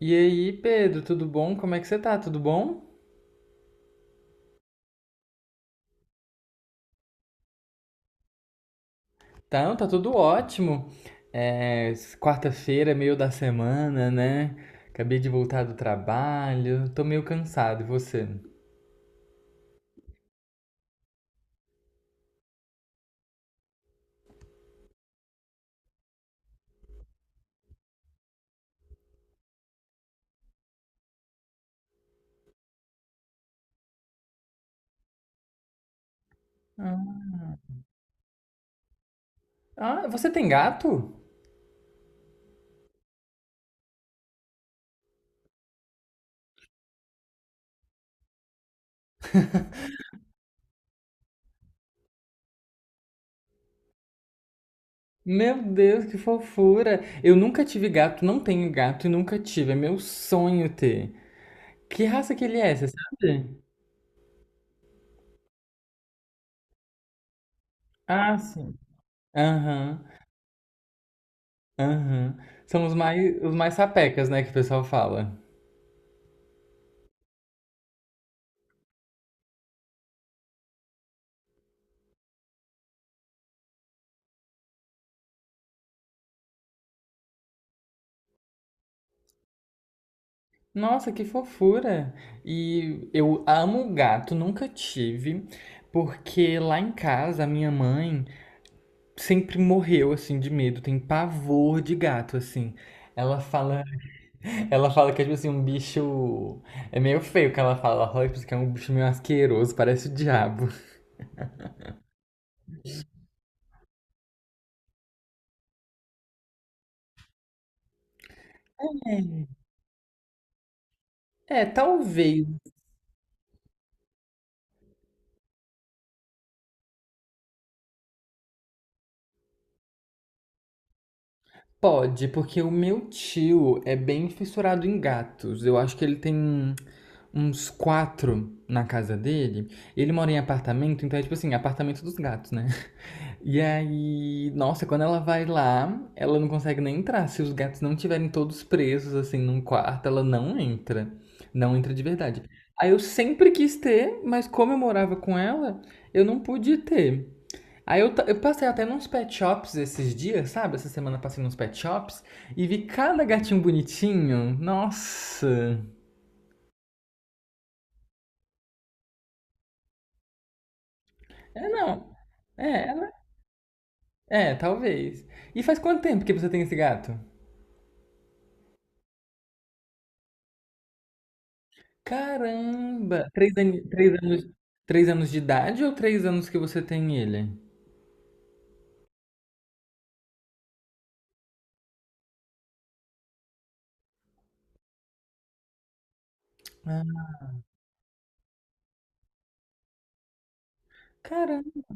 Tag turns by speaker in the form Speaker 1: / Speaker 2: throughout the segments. Speaker 1: E aí, Pedro, tudo bom? Como é que você tá? Tudo bom? Então, tá tudo ótimo. É, Quarta-feira, meio da semana, né? Acabei de voltar do trabalho, tô meio cansado. E você? Ah, Ah, você tem gato? Meu Deus, que fofura! Eu nunca tive gato, não tenho gato e nunca tive. É meu sonho ter. Que raça que ele é, você sabe? Ah, sim. Aham, aham. São os mais sapecas, né, que o pessoal fala. Nossa, que fofura! E eu amo gato, nunca tive, porque lá em casa a minha mãe sempre morreu assim de medo, tem pavor de gato assim. Ela fala, ela fala que é tipo assim, um bicho é meio feio, que ela fala: "Ai, porque é um bicho meio asqueroso, parece o diabo." É, talvez. Pode, porque o meu tio é bem fissurado em gatos. Eu acho que ele tem uns quatro na casa dele. Ele mora em apartamento, então é tipo assim, apartamento dos gatos, né? E aí, nossa, quando ela vai lá, ela não consegue nem entrar. Se os gatos não tiverem todos presos, assim, num quarto, ela não entra. Não entra de verdade. Aí eu sempre quis ter, mas como eu morava com ela, eu não pude ter. Aí eu passei até nos pet shops esses dias, sabe? Essa semana passei nos pet shops e vi cada gatinho bonitinho. Nossa! É, não. É, ela- é, talvez. E faz quanto tempo que você tem esse gato? Caramba! 3 anos, 3 anos de idade ou 3 anos que você tem ele? Ah, caramba,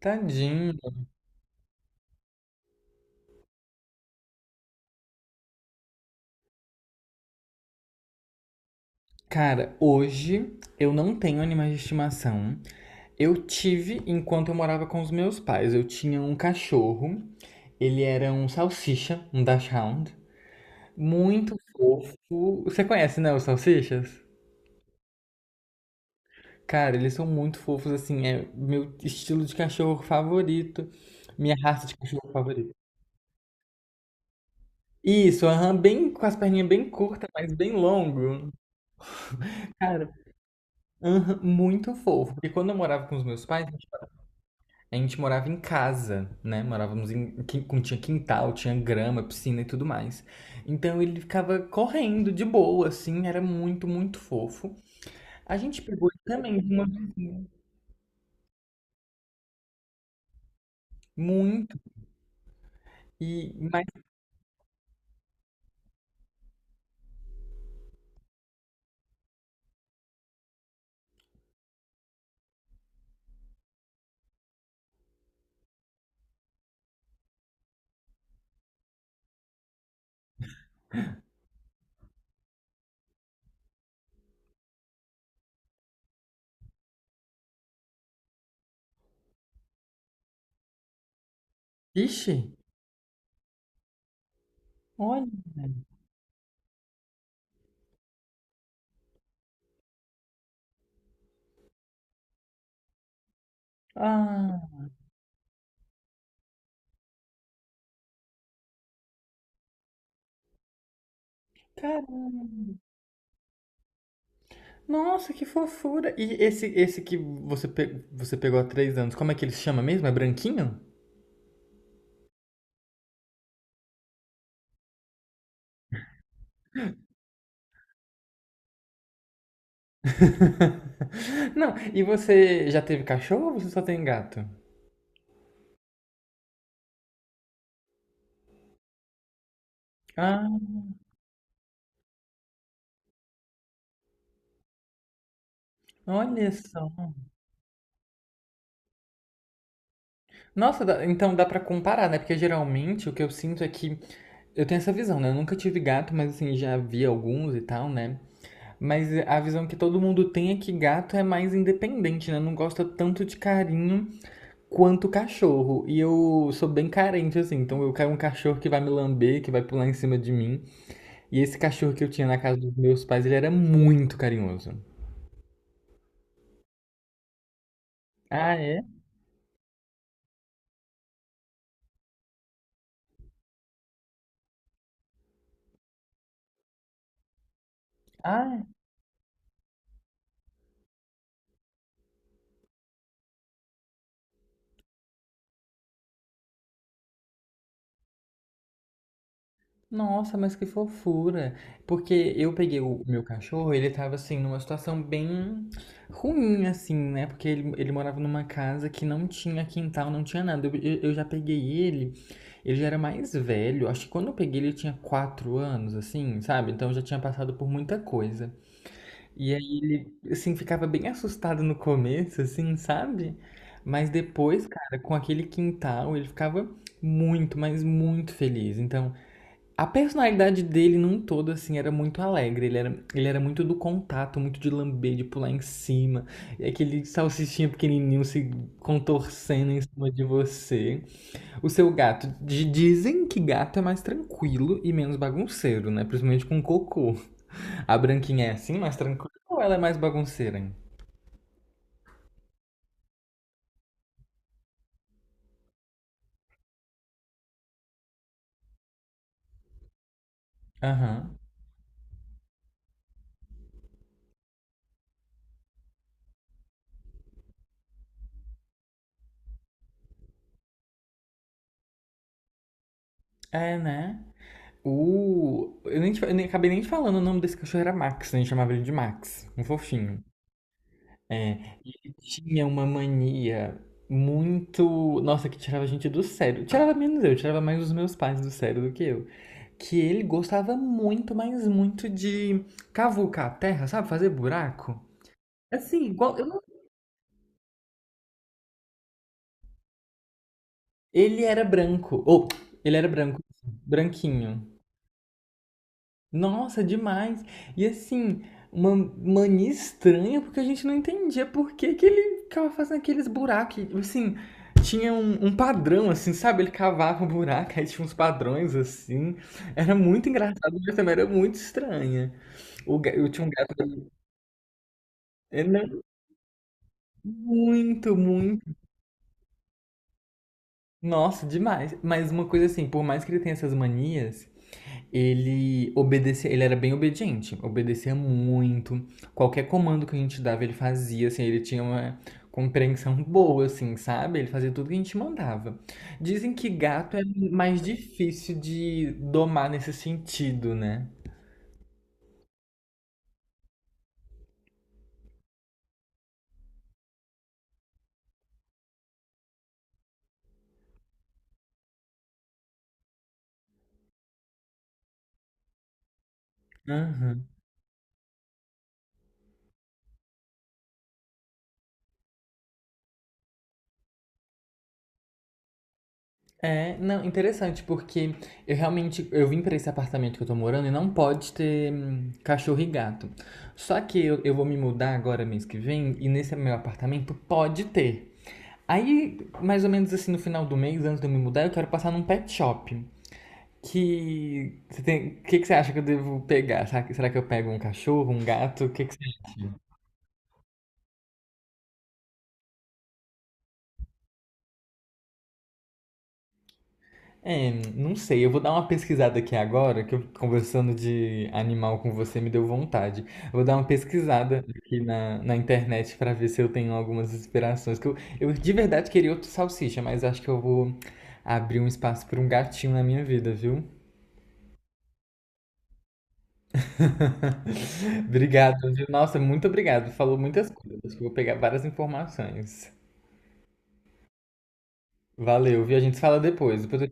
Speaker 1: tadinho. Cara, hoje eu não tenho animais de estimação. Eu tive enquanto eu morava com os meus pais. Eu tinha um cachorro. Ele era um salsicha, um dachshund, muito fofo. Você conhece, né, os salsichas? Cara, eles são muito fofos, assim, é meu estilo de cachorro favorito, minha raça de cachorro favorita. Isso, aham, bem com as perninhas bem curtas, mas bem longo. Cara, aham, muito fofo. Porque quando eu morava com os meus pais, a gente morava em casa, né? Morávamos em. Quin- com- Tinha quintal, tinha grama, piscina e tudo mais. Então ele ficava correndo de boa, assim, era muito, muito fofo. A gente pegou ele também de uma vizinha. Muito. E, mas, ixi, olha. Ah, cara, nossa, que fofura. E esse que você, você pegou há 3 anos, como é que ele se chama mesmo? É branquinho? Não, e você já teve cachorro ou você só tem gato? Ah, olha só. Nossa, dá- então dá pra comparar, né? Porque geralmente o que eu sinto é que eu tenho essa visão, né? Eu nunca tive gato, mas assim, já vi alguns e tal, né? Mas a visão que todo mundo tem é que gato é mais independente, né? Não gosta tanto de carinho quanto cachorro. E eu sou bem carente, assim. Então eu quero um cachorro que vai me lamber, que vai pular em cima de mim. E esse cachorro que eu tinha na casa dos meus pais, ele era muito carinhoso. Ah, é? Ah, nossa, mas que fofura! Porque eu peguei o meu cachorro, ele tava assim, numa situação bem ruim, assim, né? Porque ele morava numa casa que não tinha quintal, não tinha nada. Eu já peguei ele, ele já era mais velho, acho que quando eu peguei ele tinha 4 anos, assim, sabe? Então já tinha passado por muita coisa. E aí ele, assim, ficava bem assustado no começo, assim, sabe? Mas depois, cara, com aquele quintal, ele ficava muito, mas muito feliz. Então. A personalidade dele num todo, assim, era muito alegre. Ele era muito do contato, muito de lamber, de pular em cima. E aquele salsichinha pequenininho se contorcendo em cima de você. O seu gato. Dizem que gato é mais tranquilo e menos bagunceiro, né? Principalmente com cocô. A branquinha é assim, mais tranquila ou ela é mais bagunceira, hein? Aham. É, né? O... Eu nem, eu nem acabei nem falando, o nome desse cachorro era Max, né? A gente chamava ele de Max, um fofinho. É, e ele tinha uma mania muito. Nossa, que tirava a gente do sério. Tirava menos eu, tirava mais os meus pais do sério do que eu. Que ele gostava muito, mas muito de cavucar a terra, sabe? Fazer buraco. Assim, igual. Eu não... Ele era branco. Ou, ele era branco. Assim, branquinho. Nossa, demais. E assim, uma mania estranha, porque a gente não entendia por que que ele ficava fazendo aqueles buracos. Assim, tinha um padrão, assim, sabe? Ele cavava o buraco, aí tinha uns padrões, assim. Era muito engraçado, mas também era muito estranha. Eu tinha um gato... é, não, muito, muito. Nossa, demais. Mas uma coisa assim, por mais que ele tenha essas manias, ele obedecia, ele era bem obediente, obedecia muito. Qualquer comando que a gente dava, ele fazia, assim, ele tinha uma compreensão boa, assim, sabe? Ele fazia tudo que a gente mandava. Dizem que gato é mais difícil de domar nesse sentido, né? Aham. É, não, interessante, porque eu realmente, eu vim pra esse apartamento que eu tô morando e não pode ter cachorro e gato. Só que eu vou me mudar agora mês que vem e nesse meu apartamento pode ter. Aí, mais ou menos assim, no final do mês, antes de eu me mudar, eu quero passar num pet shop. Que. Você tem... que você acha que eu devo pegar? Será que eu pego um cachorro, um gato? O que, que você acha? É, não sei. Eu vou dar uma pesquisada aqui agora, que eu conversando de animal com você me deu vontade. Eu vou dar uma pesquisada aqui na internet pra ver se eu tenho algumas inspirações. Que eu de verdade queria outro salsicha, mas acho que eu vou abrir um espaço pra um gatinho na minha vida, viu? Obrigado, viu? Nossa, muito obrigado. Falou muitas coisas. Acho que eu vou pegar várias informações. Valeu, viu? A gente se fala depois. Depois eu...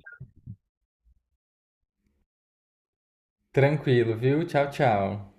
Speaker 1: Tranquilo, viu? Tchau, tchau.